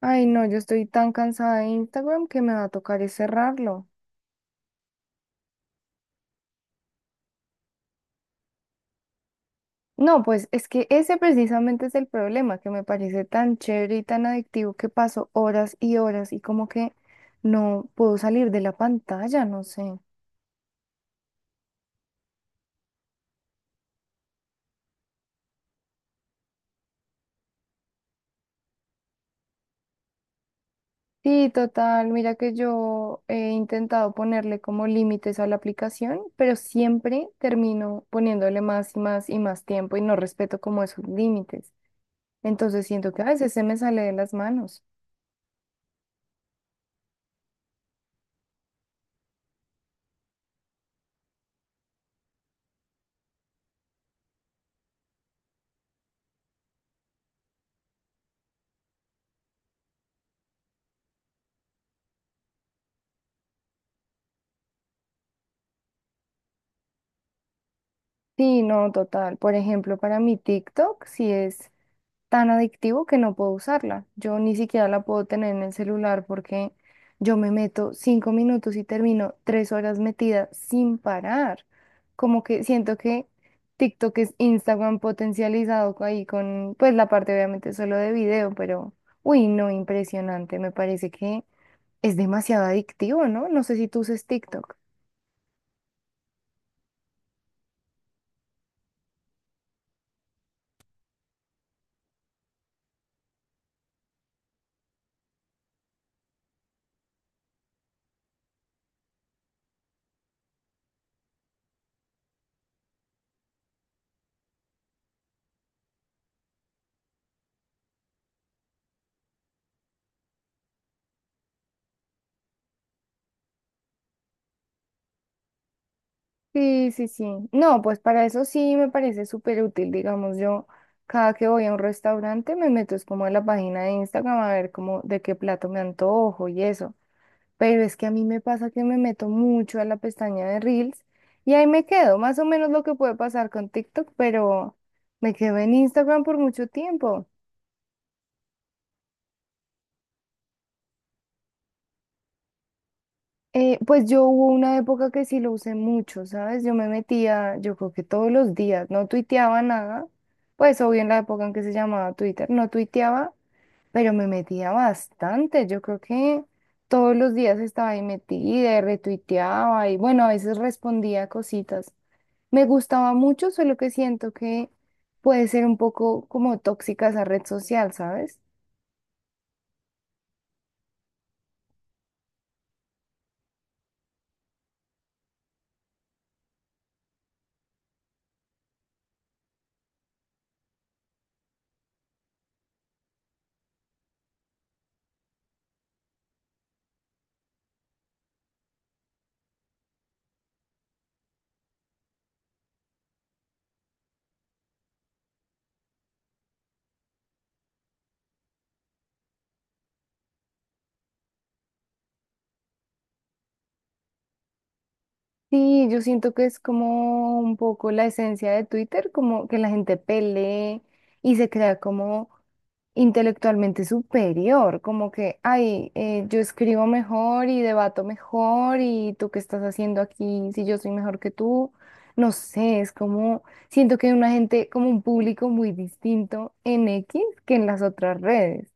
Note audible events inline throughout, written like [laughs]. Ay, no, yo estoy tan cansada de Instagram que me va a tocar es cerrarlo. No, pues es que ese precisamente es el problema, que me parece tan chévere y tan adictivo que paso horas y horas y como que no puedo salir de la pantalla, no sé. Sí, total, mira que yo he intentado ponerle como límites a la aplicación, pero siempre termino poniéndole más y más y más tiempo y no respeto como esos límites. Entonces siento que a veces se me sale de las manos. Sí, no, total. Por ejemplo, para mi TikTok sí es tan adictivo que no puedo usarla. Yo ni siquiera la puedo tener en el celular porque yo me meto 5 minutos y termino 3 horas metida sin parar. Como que siento que TikTok es Instagram potencializado ahí con, pues la parte obviamente solo de video, pero, uy, no, impresionante. Me parece que es demasiado adictivo, ¿no? No sé si tú uses TikTok. Sí, sí, sí. No, pues para eso sí me parece súper útil. Digamos, yo cada que voy a un restaurante me meto es como a la página de Instagram a ver como de qué plato me antojo y eso. Pero es que a mí me pasa que me meto mucho a la pestaña de Reels y ahí me quedo, más o menos lo que puede pasar con TikTok, pero me quedo en Instagram por mucho tiempo. Pues yo hubo una época que sí lo usé mucho, ¿sabes? Yo me metía, yo creo que todos los días, no tuiteaba nada, pues obvio en la época en que se llamaba Twitter, no tuiteaba, pero me metía bastante, yo creo que todos los días estaba ahí metida y retuiteaba y bueno, a veces respondía cositas. Me gustaba mucho, solo que siento que puede ser un poco como tóxica esa red social, ¿sabes? Sí, yo siento que es como un poco la esencia de Twitter, como que la gente pelee y se crea como intelectualmente superior, como que, ay, yo escribo mejor y debato mejor y tú qué estás haciendo aquí si yo soy mejor que tú. No sé, es como, siento que hay una gente, como un público muy distinto en X que en las otras redes.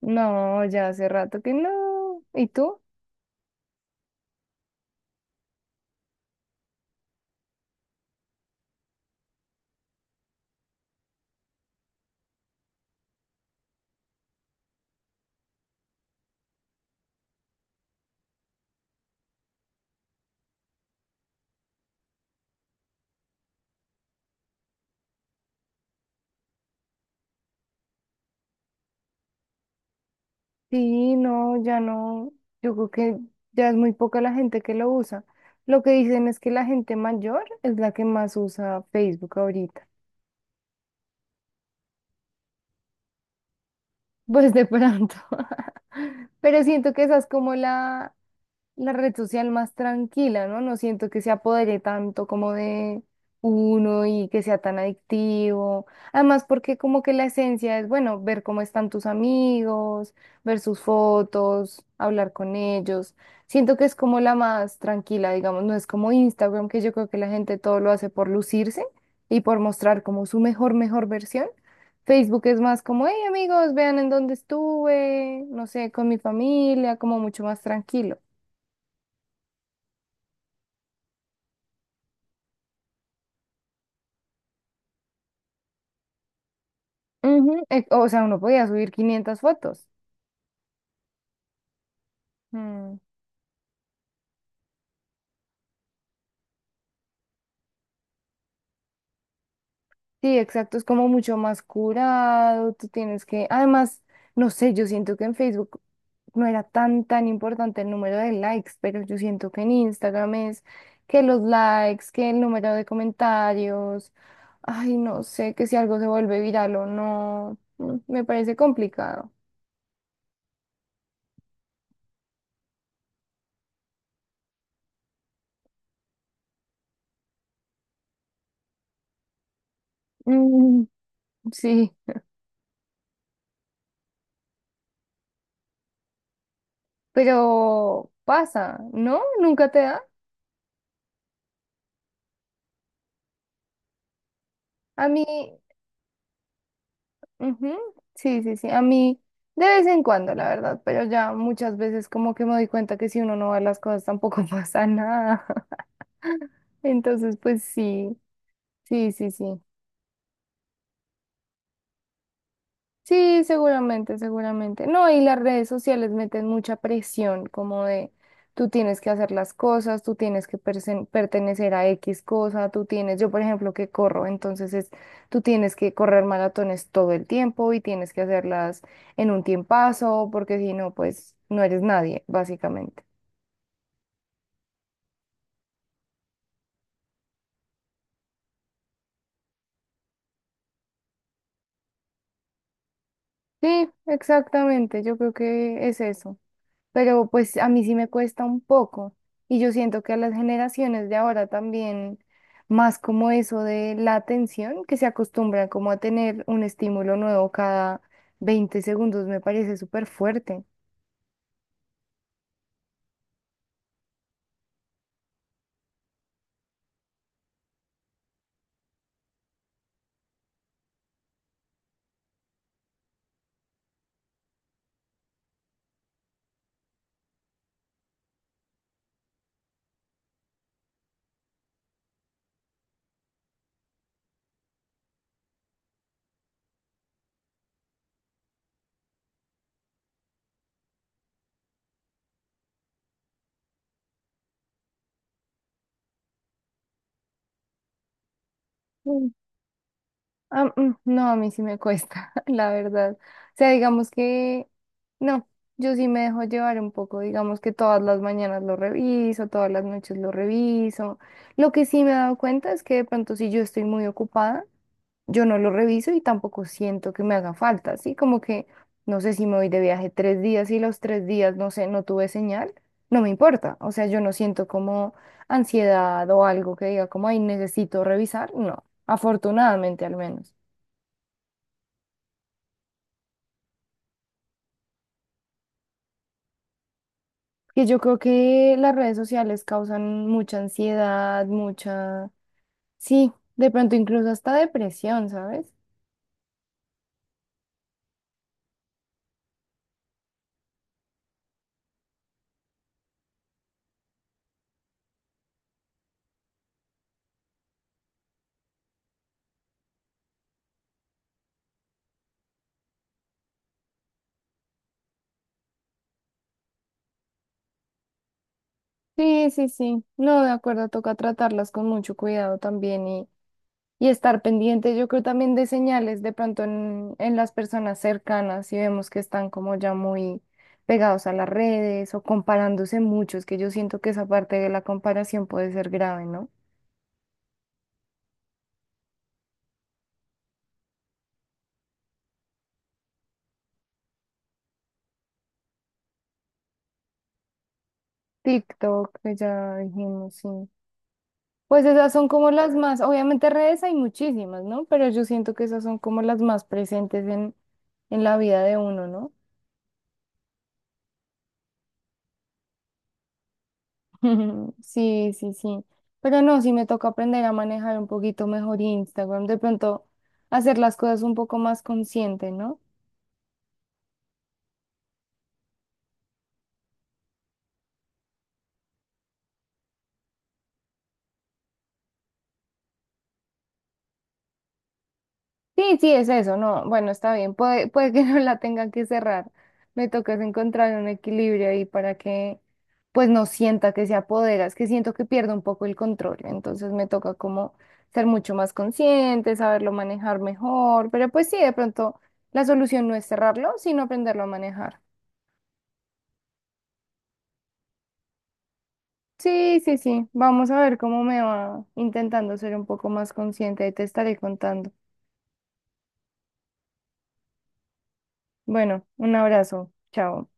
No, ya hace rato que no. ¿Y tú? Sí, no, ya no, yo creo que ya es muy poca la gente que lo usa. Lo que dicen es que la gente mayor es la que más usa Facebook ahorita. [laughs] Pues de pronto. [laughs] Pero siento que esa es como la red social más tranquila, ¿no? No siento que se apodere tanto como de uno y que sea tan adictivo. Además, porque como que la esencia es, bueno, ver cómo están tus amigos, ver sus fotos, hablar con ellos. Siento que es como la más tranquila, digamos, no es como Instagram, que yo creo que la gente todo lo hace por lucirse y por mostrar como su mejor, mejor versión. Facebook es más como, hey amigos, vean en dónde estuve, no sé, con mi familia, como mucho más tranquilo. Ujú, o sea, uno podía subir 500 fotos. Mm. Sí, exacto, es como mucho más curado, tú tienes que, además, no sé, yo siento que en Facebook no era tan, tan importante el número de likes, pero yo siento que en Instagram es que los likes, que el número de comentarios, ay, no sé, que si algo se vuelve viral o no, mm, me parece complicado. Mm, sí, pero pasa, ¿no? ¿Nunca te da? A mí, ujú, sí, sí, sí. A mí de vez en cuando, la verdad, pero ya muchas veces como que me doy cuenta que si uno no va a las cosas tampoco [laughs] pasa nada. [laughs] Entonces, pues sí, sí, sí, sí. Sí, seguramente, seguramente. No, y las redes sociales meten mucha presión, como de tú tienes que hacer las cosas, tú tienes que pertenecer a X cosa, tú tienes, yo por ejemplo que corro, entonces es, tú tienes que correr maratones todo el tiempo y tienes que hacerlas en un tiempazo, porque si no, pues no eres nadie, básicamente. Sí, exactamente, yo creo que es eso. Pero pues a mí sí me cuesta un poco y yo siento que a las generaciones de ahora también más como eso de la atención que se acostumbra como a tener un estímulo nuevo cada 20 segundos me parece súper fuerte. Mm. Ah, mm, no, a mí sí me cuesta, [laughs] la verdad. O sea, digamos que no, yo sí me dejo llevar un poco, digamos que todas las mañanas lo reviso, todas las noches lo reviso. Lo que sí me he dado cuenta es que de pronto si yo estoy muy ocupada, yo no lo reviso y tampoco siento que me haga falta, así como que no sé si me voy de viaje 3 días y los 3 días, no sé, no tuve señal, no me importa, o sea, yo no siento como ansiedad o algo que diga como, ay, necesito revisar, no, afortunadamente al menos. Que yo creo que las redes sociales causan mucha ansiedad, mucha, sí, de pronto incluso hasta depresión, ¿sabes? Sí, sí, sí. No, de acuerdo, toca tratarlas con mucho cuidado también. Y estar pendiente, yo creo también de señales de pronto en las personas cercanas, si vemos que están como ya muy pegados a las redes o comparándose mucho, es que yo siento que esa parte de la comparación puede ser grave, ¿no? TikTok, que ya dijimos, sí. Pues esas son como las más, obviamente redes hay muchísimas, ¿no? Pero yo siento que esas son como las más presentes en la vida de uno, ¿no? [laughs] Sí, sí, sí. Pero no, sí me toca aprender a manejar un poquito mejor Instagram, de pronto hacer las cosas un poco más consciente, ¿no? Sí, sí, es eso, no, bueno, está bien, puede que [laughs] no la tenga que cerrar, me toca es encontrar un equilibrio ahí para que pues no sienta que se apodera, es que siento que pierdo un poco el control, entonces me toca como ser mucho más consciente, saberlo manejar mejor, pero pues sí, de pronto la solución no es cerrarlo, sino aprenderlo a manejar. Sí, sí, sí. Vamos a ver cómo me va intentando ser un poco más consciente. Y te estaré contando. Bueno, un abrazo. Chao.